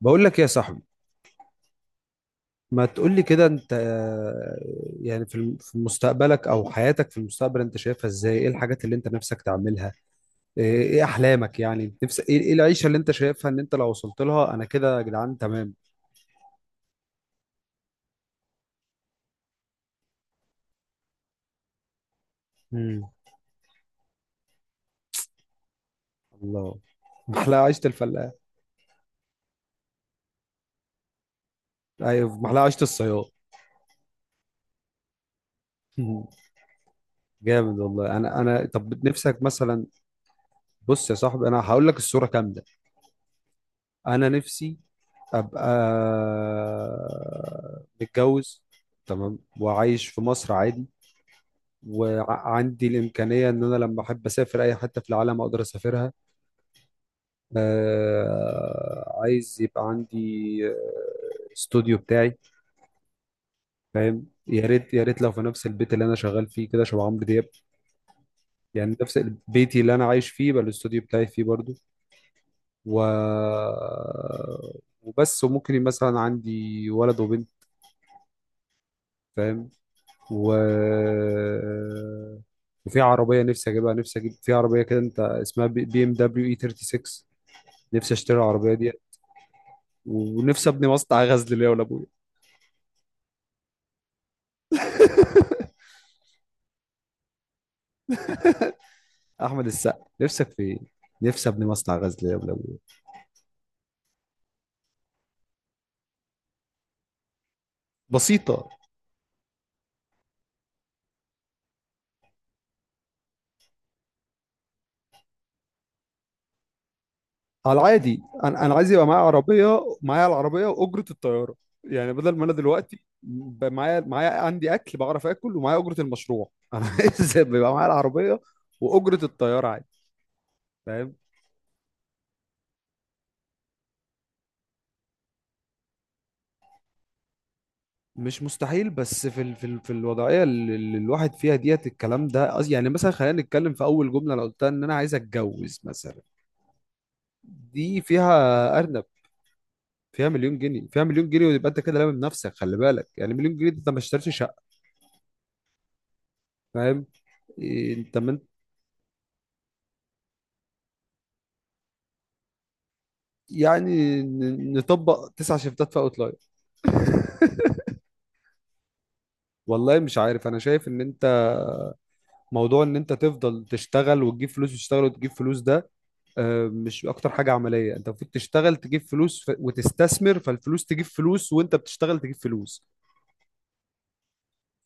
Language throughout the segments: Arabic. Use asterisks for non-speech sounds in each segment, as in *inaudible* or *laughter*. بقول لك إيه يا صاحبي. ما تقول لي كده انت يعني في مستقبلك او حياتك في المستقبل انت شايفها ازاي؟ ايه الحاجات اللي انت نفسك تعملها؟ ايه احلامك؟ يعني نفسك ايه؟ العيشة اللي انت شايفها ان انت لو وصلت لها انا كده يا جدعان تمام. امم الله. محلاها عيشة الفلاح. ايوه محلاها عيشة الصياد. *laughs* مم. جامد والله. انا طب نفسك مثلا؟ بص يا صاحبي، انا هقول لك الصورة كاملة. انا نفسي ابقى متجوز تمام، وعايش في مصر عادي، وعندي الامكانيه ان انا لما احب اسافر اي حته في العالم اقدر اسافرها. آه، عايز يبقى عندي استوديو بتاعي، فاهم؟ يا ريت يا ريت لو في نفس البيت اللي انا شغال فيه كده، شبه عمرو دياب. يعني نفس بيتي اللي انا عايش فيه يبقى الاستوديو بتاعي فيه برضو. و وبس. وممكن مثلا عندي ولد وبنت، فاهم؟ و... وفي عربية نفسي أجيبها نفسي أجيب في عربية كده، أنت اسمها بي إم دبليو إي 36. نفسي أشتري العربية دي، ونفسي أبني مصنع غزل ليا ولأبويا. *laughs* أحمد السقا نفسك في إيه؟ نفسي أبني مصنع غزل ليا ولأبويا. بسيطة، على العادي. أنا عايز يبقى معايا عربية، معايا العربية وأجرة الطيارة. يعني بدل ما أنا دلوقتي معايا، عندي أكل بعرف آكل ومعايا أجرة المشروع، *laughs* أنا عايز يبقى معايا العربية وأجرة الطيارة عادي، فاهم؟ مش مستحيل، بس في الوضعيه اللي الواحد فيها ديت الكلام ده يعني مثلا خلينا نتكلم في اول جمله انا قلتها ان انا عايز اتجوز مثلا. دي فيها ارنب، فيها مليون جنيه. ويبقى انت كده لامم نفسك. خلي بالك يعني مليون جنيه ده انت ما اشتريتش شقه، فاهم؟ إيه، انت من يعني نطبق تسع شيفتات في اوتلاير. *laughs* والله مش عارف. انا شايف ان انت موضوع ان انت تفضل تشتغل وتجيب فلوس وتشتغل وتجيب فلوس ده مش اكتر حاجه عمليه. انت المفروض تشتغل تجيب فلوس وتستثمر فالفلوس تجيب فلوس، وانت بتشتغل تجيب فلوس،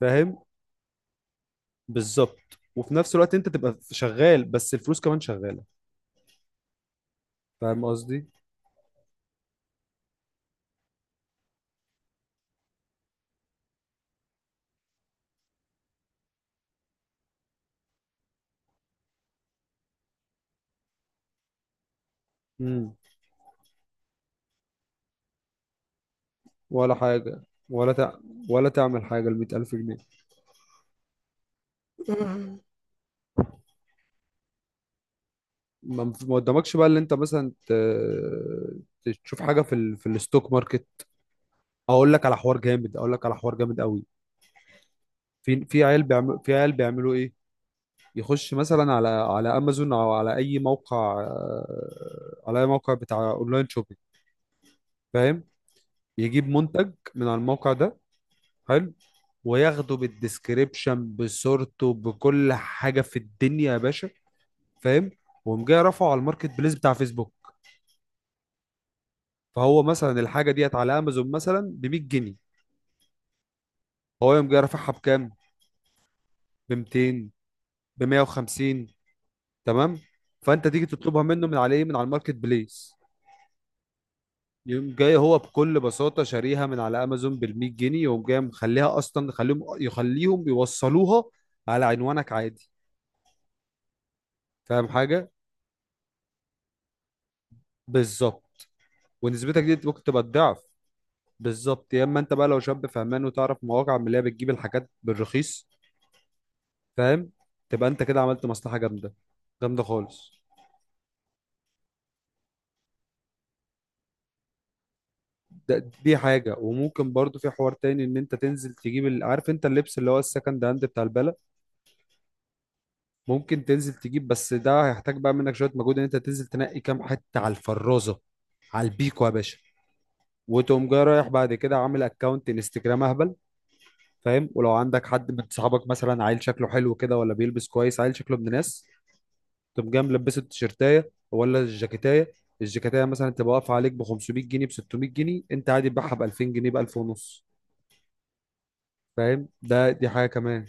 فاهم؟ بالظبط. وفي نفس الوقت انت تبقى شغال، بس الفلوس كمان شغاله، فاهم قصدي؟ امم، ولا حاجه. ولا تع... ولا تعمل حاجه؟ ال 100000 جنيه؟ ما قدامكش بقى اللي انت مثلا تشوف حاجه في الستوك ماركت. اقول لك على حوار جامد، اقول لك على حوار جامد قوي. في عيال بيعملوا ايه، يخش مثلا على امازون او على اي موقع، على اي موقع بتاع اونلاين شوبينج، فاهم؟ يجيب منتج من على الموقع ده، حلو، وياخده بالديسكريبشن بصورته بكل حاجه في الدنيا يا باشا، فاهم؟ وقوم جاي رافعه على الماركت بليس بتاع فيسبوك. فهو مثلا الحاجه ديت على امازون مثلا ب 100 جنيه، هو يقوم جاي رافعها بكام؟ ب 200، ب 150. تمام؟ فانت تيجي تطلبها منه من على ايه، من على الماركت بليس. يقوم جاي هو بكل بساطة شاريها من على أمازون بالمية جنيه، يقوم جاي مخليها أصلا، يخليهم يوصلوها على عنوانك عادي. فاهم حاجة؟ بالظبط. ونسبتك دي ممكن تبقى الضعف. بالظبط. يا إما أنت بقى لو شاب فهمان وتعرف مواقع من اللي هي بتجيب الحاجات بالرخيص، فاهم؟ تبقى أنت كده عملت مصلحة جامدة، جامدة خالص. ده دي حاجة. وممكن برضو في حوار تاني إن أنت تنزل تجيب عارف أنت اللبس اللي هو السكند هاند بتاع البلد، ممكن تنزل تجيب، بس ده هيحتاج بقى منك شويه مجهود ان انت تنزل تنقي كام حته على الفرازه، على البيكو يا باشا. وتقوم جاي رايح بعد كده عامل اكونت انستجرام اهبل، فاهم؟ ولو عندك حد من صحابك مثلا عيل شكله حلو كده ولا بيلبس كويس، عيل شكله ابن ناس، تقوم جاي ملبسه التيشيرتايه ولا الجاكيتايه. الجاكيتايه مثلا تبقى واقفه عليك ب 500 جنيه، ب 600 جنيه، انت عادي تبيعها ب 2000 جنيه، ب 1000 ونص، فاهم؟ ده دي حاجه كمان.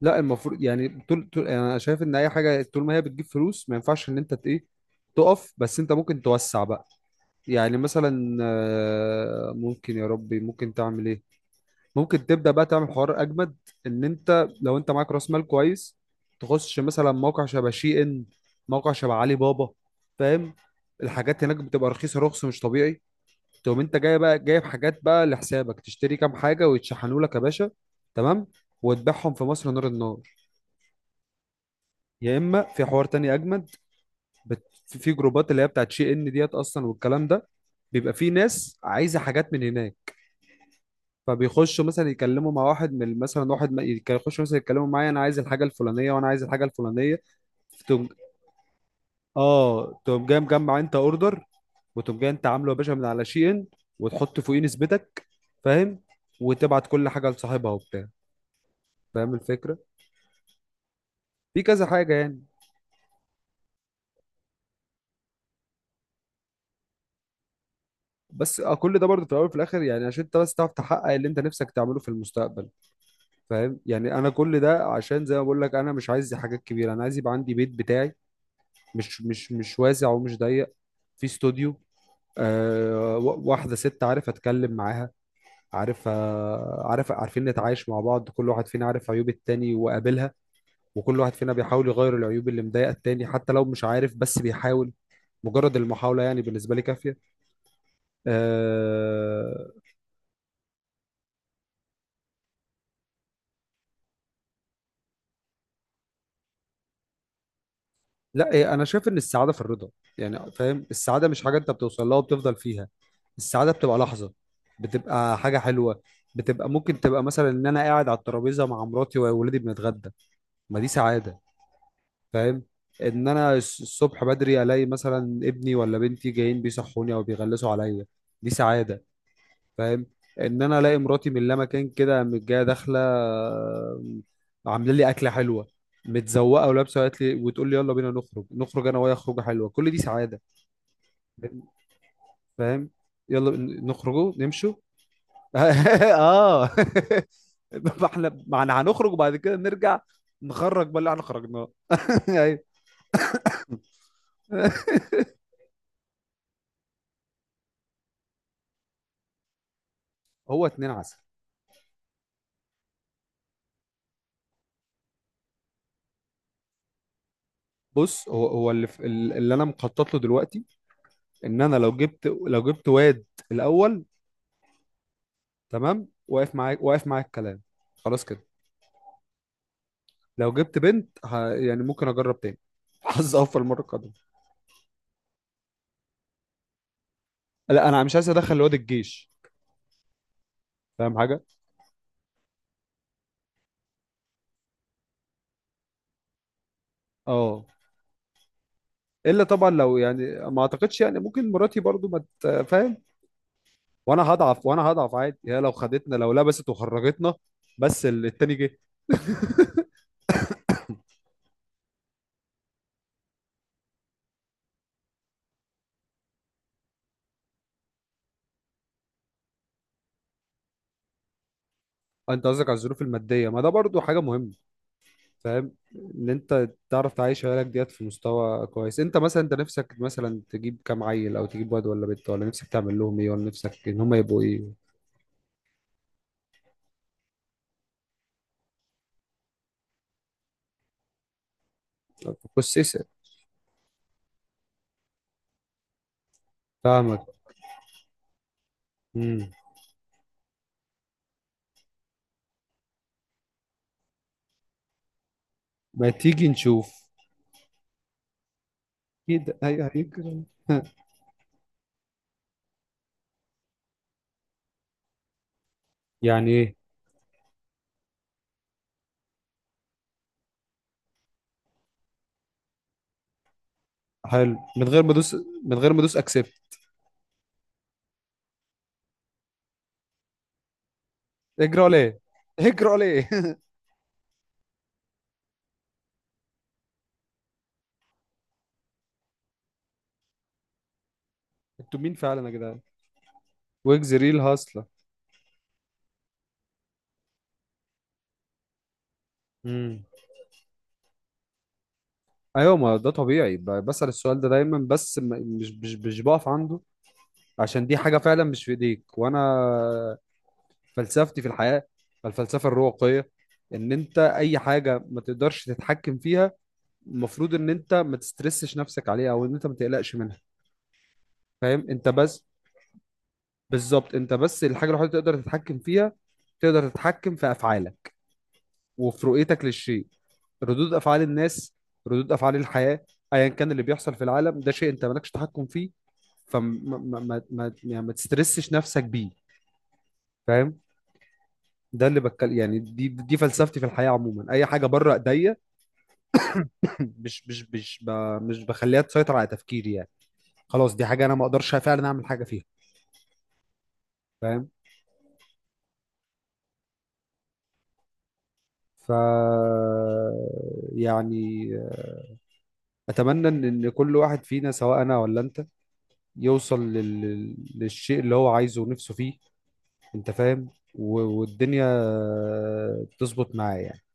لا، المفروض يعني طول طول، يعني انا شايف ان اي حاجه طول ما هي بتجيب فلوس ما ينفعش ان انت ت- ايه تقف. بس انت ممكن توسع بقى. يعني مثلا ممكن، يا ربي ممكن تعمل ايه؟ ممكن تبدا بقى تعمل حوار اجمد، ان انت لو انت معاك راس مال كويس، تخش مثلا موقع شبه شي ان، موقع شبه علي بابا، فاهم؟ الحاجات هناك بتبقى رخيصه، رخص مش طبيعي. تقوم انت جاي بقى جايب حاجات بقى لحسابك، تشتري كام حاجه ويتشحنوا لك يا باشا، تمام، وتبيعهم في مصر نار النار. يا اما في حوار تاني اجمد، في جروبات اللي هي بتاعت شي ان ديت اصلا والكلام ده، بيبقى في ناس عايزه حاجات من هناك، فبيخشوا مثلا يكلموا مع واحد من مثلا واحد، يخشوا مثلا يتكلموا معايا، انا عايز الحاجه الفلانيه وانا عايز الحاجه الفلانيه، تقوم اه تقوم جاي مجمع انت اوردر، وتقوم جاي انت عامله يا باشا من على شي ان، وتحط فوقيه نسبتك، فاهم؟ وتبعت كل حاجه لصاحبها وبتاع، فاهم الفكره؟ في كذا حاجه يعني. بس كل ده برضه في الاول وفي الاخر يعني عشان انت بس تعرف تحقق اللي انت نفسك تعمله في المستقبل، فاهم؟ يعني انا كل ده عشان زي ما بقول لك، انا مش عايز حاجات كبيره، انا عايز يبقى عندي بيت بتاعي، مش واسع ومش ضيق، في استوديو، آه، واحده ست عارف اتكلم معاها، عارف عارف عارفين نتعايش مع بعض، كل واحد فينا عارف عيوب التاني وقابلها، وكل واحد فينا بيحاول يغير العيوب اللي مضايقه التاني حتى لو مش عارف بس بيحاول. مجرد المحاولة يعني بالنسبة لي كافية. آه. لا، انا شايف ان السعاده في الرضا. يعني فاهم، السعاده مش حاجه انت بتوصل لها وبتفضل فيها. السعاده بتبقى لحظه، بتبقى حاجه حلوه. بتبقى ممكن تبقى مثلا ان انا قاعد على الترابيزه مع مراتي وولادي بنتغدى، ما دي سعاده، فاهم؟ ان انا الصبح بدري الاقي مثلا ابني ولا بنتي جايين بيصحوني او بيغلسوا عليا، دي سعاده، فاهم؟ ان انا الاقي مراتي من لا مكان كده قامت جايه داخله، آم، عامله لي اكله حلوه، متزوقه ولابسه، قالت لي وتقول لي يلا بينا نخرج، نخرج انا وهي خروجه حلوه، كل دي سعاده، فاهم؟ يلا نخرجوا نمشوا. *laughs* اه *laughs* ما احنا هنخرج وبعد كده نرجع، نخرج بقى اللي احنا خرجناه *laughs* ايوه *laughs* هو اتنين عسل. بص، في اللي انا مخطط له دلوقتي، ان انا لو جبت واد الاول، تمام، واقف معاك، واقف معاك الكلام، خلاص كده. لو جبت بنت يعني ممكن اجرب تاني *laughs* حظ اوفر المره القادمه. لا، انا مش عايز ادخل الواد الجيش، فاهم حاجه؟ اه. الا طبعا لو يعني، ما اعتقدش يعني ممكن مراتي برضو ما ت- فاهم؟ وانا هضعف، عادي، هي لو خدتنا لو لبست وخرجتنا، بس التاني جه. انت قصدك على الظروف الماديه؟ ما ده برضو حاجه مهمه، فاهم؟ ان انت تعرف تعيش عيالك ديت في مستوى كويس. انت مثلا انت نفسك مثلا تجيب كام عيل؟ او تجيب واد ولا بنت؟ ولا نفسك تعمل لهم ايه؟ ولا نفسك ان هم يبقوا ايه؟ بس اسال. فاهمك. امم. ما تيجي نشوف كده هي هيجرى. يعني ايه؟ حلو، من غير ما ادوس، اكسبت. اجرى ليه؟ اجرى ليه؟ *laughs* انتوا مين فعلا يا جدعان؟ ويجز ريل هاصله. امم. ايوه، ما ده طبيعي. بسأل السؤال ده دايما، بس مش بقف عنده، عشان دي حاجة فعلا مش في ايديك. وانا فلسفتي في الحياة الفلسفة الرواقية، ان انت اي حاجة ما تقدرش تتحكم فيها المفروض ان انت ما تسترسش نفسك عليها، او ان انت ما تقلقش منها، فاهم؟ انت بس، بالظبط، انت بس الحاجة الوحيدة اللي تقدر تتحكم فيها، تقدر تتحكم في افعالك، وفي رؤيتك للشيء. ردود افعال الناس، ردود افعال الحياة، ايا كان اللي بيحصل في العالم، ده شيء انت مالكش تحكم فيه، فما ما ما ما يعني ما تسترسش نفسك بيه، فاهم؟ ده اللي بتكلم يعني، دي فلسفتي في الحياة عموما. اي حاجة بره ايديا مش مش مش ب... مش بخليها تسيطر على تفكيري، يعني خلاص دي حاجه انا ما اقدرش فعلا اعمل حاجه فيها، فاهم؟ ف، يعني، اتمنى ان إن كل واحد فينا، سواء انا ولا انت، يوصل للشيء اللي هو عايزه ونفسه فيه، انت فاهم؟ والدنيا تظبط معاه يعني.